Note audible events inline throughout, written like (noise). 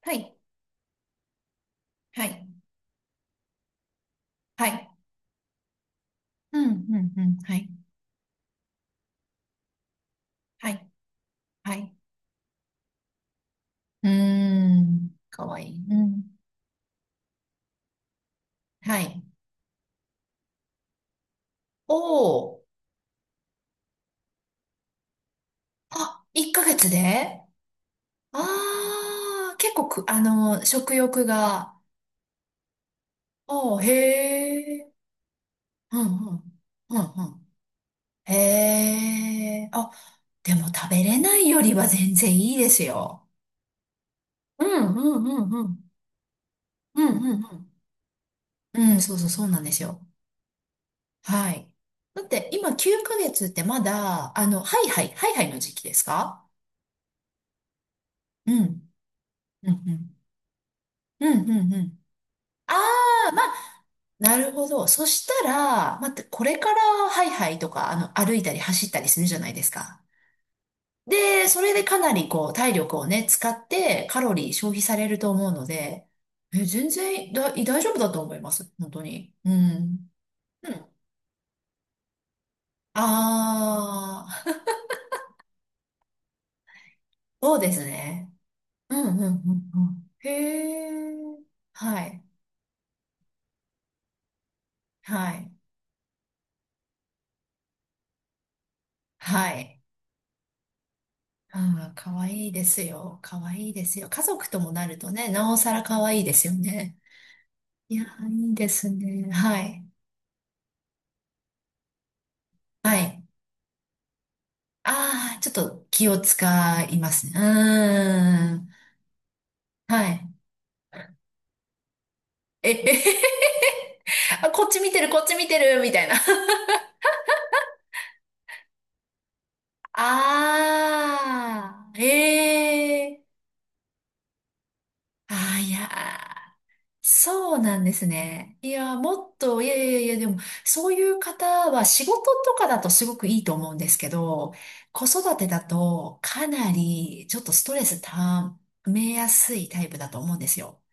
はい。はい。はい。うん、うん、うん。はい。はい。はい。うーん。かわいい。うん。はい。おお。あ、1ヶ月で。ああー、結構く、あの、食欲が。おーへえ。うん、うん。うん、うん。へえ。あ、でも食べれないよりは全然いいですよ。うん、うん、うん、うん。うん、うん、うん。うん、そうそう、そうなんですよ。はい。だって今9ヶ月ってまだ、ハイハイ、ハイハイの時期ですか？うん。うん、うん。うん、うん、うん。ああ、まあ、なるほど。そしたら、待ってこれからハイハイとか、歩いたり走ったりするじゃないですか。で、それでかなりこう、体力をね、使ってカロリー消費されると思うので、え、全然だ、大丈夫だと思います。本当に。うん。うん。ああ、そうですね。うんうんうんうん。へえ。はい。はい。はい。ああ、かわいいですよ。かわいいですよ。家族ともなるとね、なおさらかわいいですよね。いやー、いいですね。はい。はい。ああ、ちょっと気を使いますね。うーん。はい。え、えへへ (laughs) あ、こっち見てる、こっち見てる、みたいな。(laughs) ああ、ええ。ああ、いやー。そうなんですね。いや、もっと、いやいやいや、でも、そういう方は仕事とかだとすごくいいと思うんですけど、子育てだとかなりちょっとストレスためやすいタイプだと思うんですよ。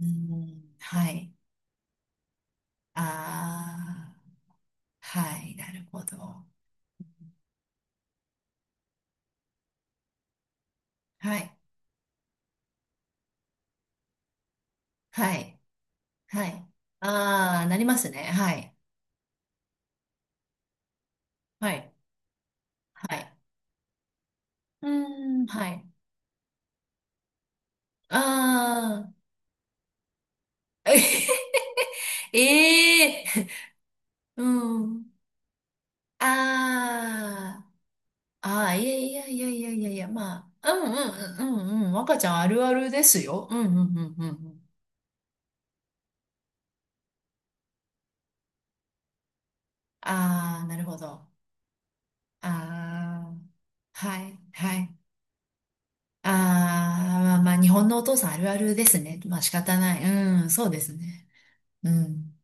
うん、はい。ああ、はい、なるほど。はい、はい、はい。ああ、なりますね。はい、はい、はい。うーん、はい。ああ、(laughs) ええー、うん。ああ、ああ、いやいやいやいやいやいや、まあ、うんうんうんうんうん、若ちゃんあるあるですよ。うんうんうんうんうん。ああ、なるほど。ああ、はい、はい。ああ、まあまあ、日本のお父さんあるあるですね。まあ仕方ない。うん、そうですね。うん。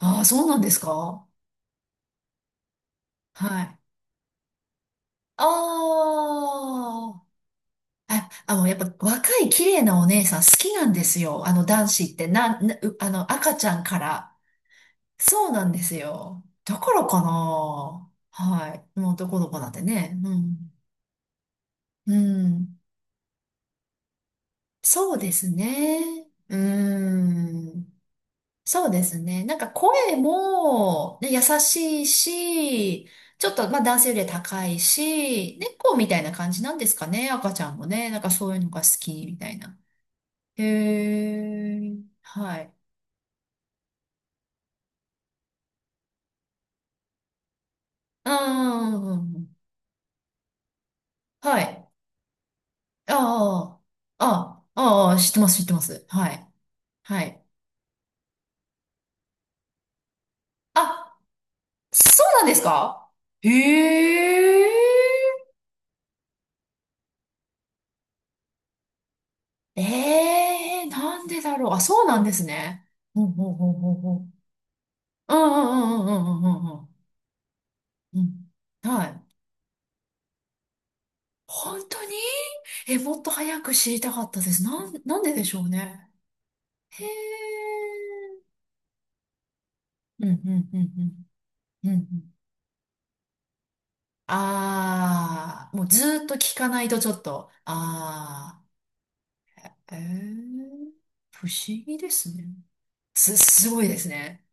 ああ、そうなんですか？はい。ああ、あ、やっぱ若い綺麗なお姉さん好きなんですよ。あの男子って、なん、なうあの赤ちゃんから。そうなんですよ。だからかな。はい。もうどこどこなんてね。うん。うん。そうですね。うん。そうですね。なんか声も、ね、優しいし、ちょっとまあ男性より高いし、猫みたいな感じなんですかね。赤ちゃんもね。なんかそういうのが好きみたいな。へえ。はい。うん。はい。ああ。ああ。ああ。知ってます、知ってます。はい。はい。あ、そうなんですか？へえ。ええ、なんでだろう。あ、そうなんですね。ほんほんほんほんほん。うんうんうんうんうんうんうんうん。うん。はい。本当に。もっと早く知りたかったです。なんででしょうね。へえ。うんうんうんうん。うんうん。ああ、もうずーっと聞かないとちょっと。ああ、ええ、不思議ですね。すごいですね。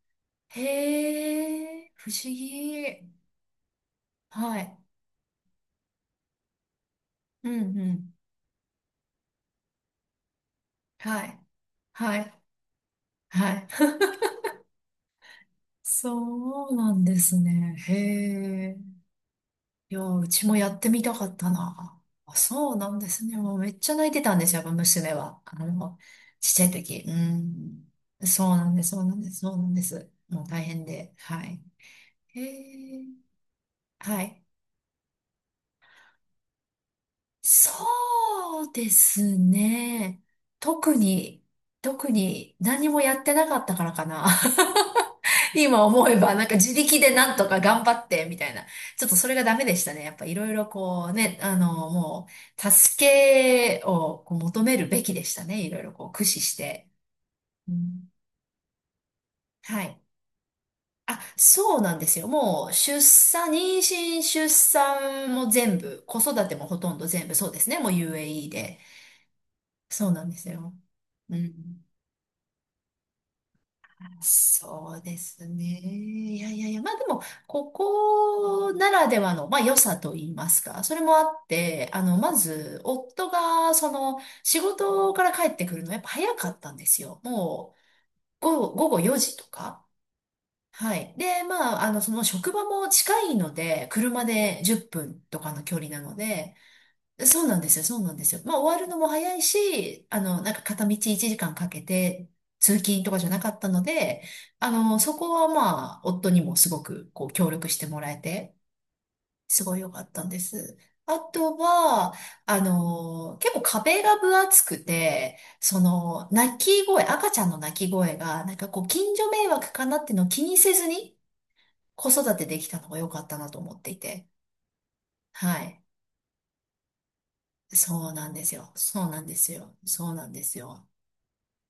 へえ、不思議。はい。うんうん。はい。はい。はい。(laughs) そうなんですね。へえ。いや、うちもやってみたかったな。あ、そうなんですね。もうめっちゃ泣いてたんですよ、やっぱ娘は。ちっちゃい時。うん。そうなんです、そうなんです、そうなんです。もう大変で。はい。へえ。はい。そうですね。特に、特に何もやってなかったからかな。(laughs) 今思えば、なんか自力でなんとか頑張って、みたいな。ちょっとそれがダメでしたね。やっぱいろいろこうね、もう、助けをこう求めるべきでしたね。いろいろこう駆使して。うん。はい。あ、そうなんですよ。もう、出産、妊娠、出産も全部、子育てもほとんど全部、そうですね。もう UAE で。そうなんですよ。うん。そうですね。いやいやいや、まあでも、ここならではの、まあ良さと言いますか、それもあって、まず、夫が、仕事から帰ってくるのやっぱ早かったんですよ。もう、午後4時とか。はい。で、まあ、その職場も近いので、車で10分とかの距離なので、そうなんですよ、そうなんですよ。まあ、終わるのも早いし、なんか片道1時間かんかけて通勤とかじゃなかったので、そこはまあ、夫にもすごくこう協力してもらえて、すごい良かったんです。あとは、結構壁が分厚くて、その、泣き声、赤ちゃんの泣き声が、なんかこう、近所迷惑かなっていうのを気にせずに子育てできたのが良かったなと思っていて、はい。そうなんですよ。そうなんですよ。そうなんですよ。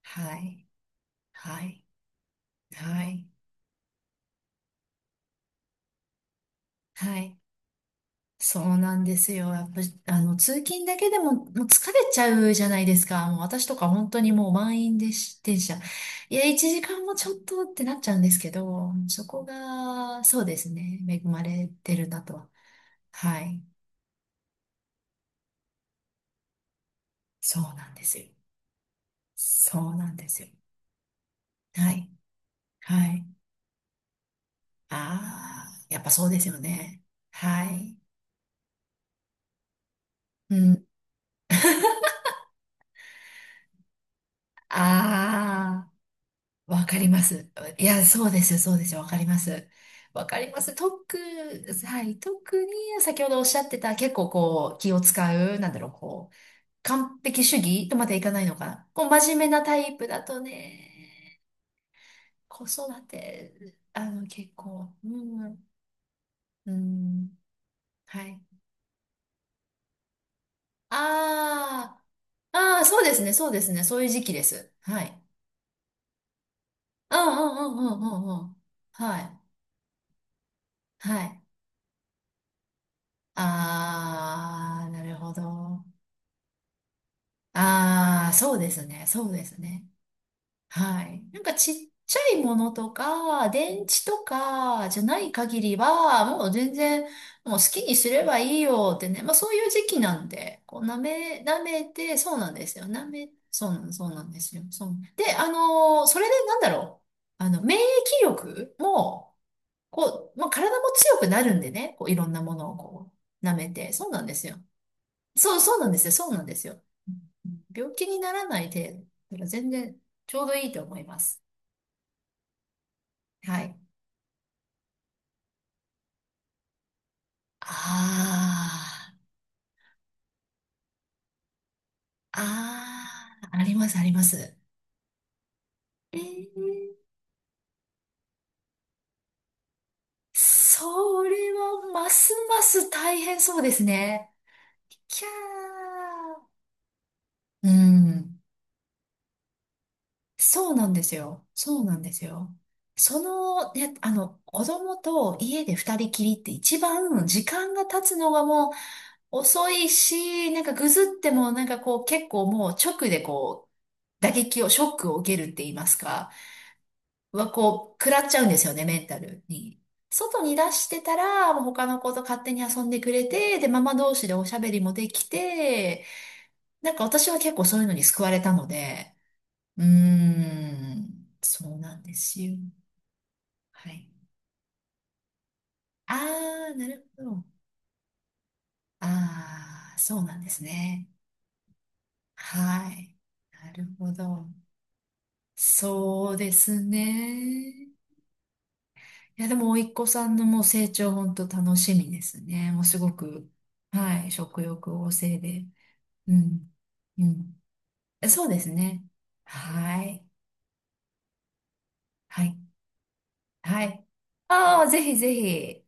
はい。はい。はい。はい。そうなんですよ。やっぱ、通勤だけでも、もう疲れちゃうじゃないですか。もう私とか本当にもう満員でし、電車。いや、1時間もちょっとってなっちゃうんですけど、そこが、そうですね。恵まれてるなとは。はい。そうなんですよ。そうなんですよ。はい。はい。ああ、やっぱそうですよね。はい。うん。ああ、わかります。いや、そうですよ、そうですよ、わかります。わかります。はい、特に先ほどおっしゃってた結構こう気を使う、なんだろう、こう、完璧主義とまでいかないのかな。こう真面目なタイプだとね、子育て、結構、うん、うん、はい。ああ、ああ、そうですね、そうですね、そういう時期です。はい。うんうんうんうんうんうん。はい。はい。ああ、なるほど。ああ、そうですね。そうですね。はい。なんかちっちゃいものとか、電池とかじゃない限りは、もう全然、もう好きにすればいいよってね。まあそういう時期なんで、こう舐めて、そうなんですよ。舐め、そうなん、そうなんですよ。そう。で、それでなんだろう。免疫力も、こう、まあ、体も強くなるんでね。こう、いろんなものをこう、舐めて。そうなんですよ。そう、そうなんですよ。そうなんですよ。うん。病気にならない程度。だから全然ちょうどいいと思います。はい。ああ、ああ、あります、あります。えー、それはますます大変そうですね。キャー。うん。そうなんですよ。そうなんですよ。ね、子供と家で二人きりって一番時間が経つのがもう、遅いし、なんかぐずってもなんかこう結構もう直でこう打撃を、ショックを受けるって言いますか、はこう食らっちゃうんですよね、メンタルに。外に出してたら、もう他の子と勝手に遊んでくれて、で、ママ同士でおしゃべりもできて、なんか私は結構そういうのに救われたので、うーん、そうなんですよ。はい。あー、なるほど。あー、そうなんですね。はい。なるほど。そうですね。いや、でも、甥っ子さんのもう成長、本当楽しみですね。もうすごく、はい、食欲旺盛で。うん、うん。そうですね。はい、はい、はい。ああ、ぜひぜひ。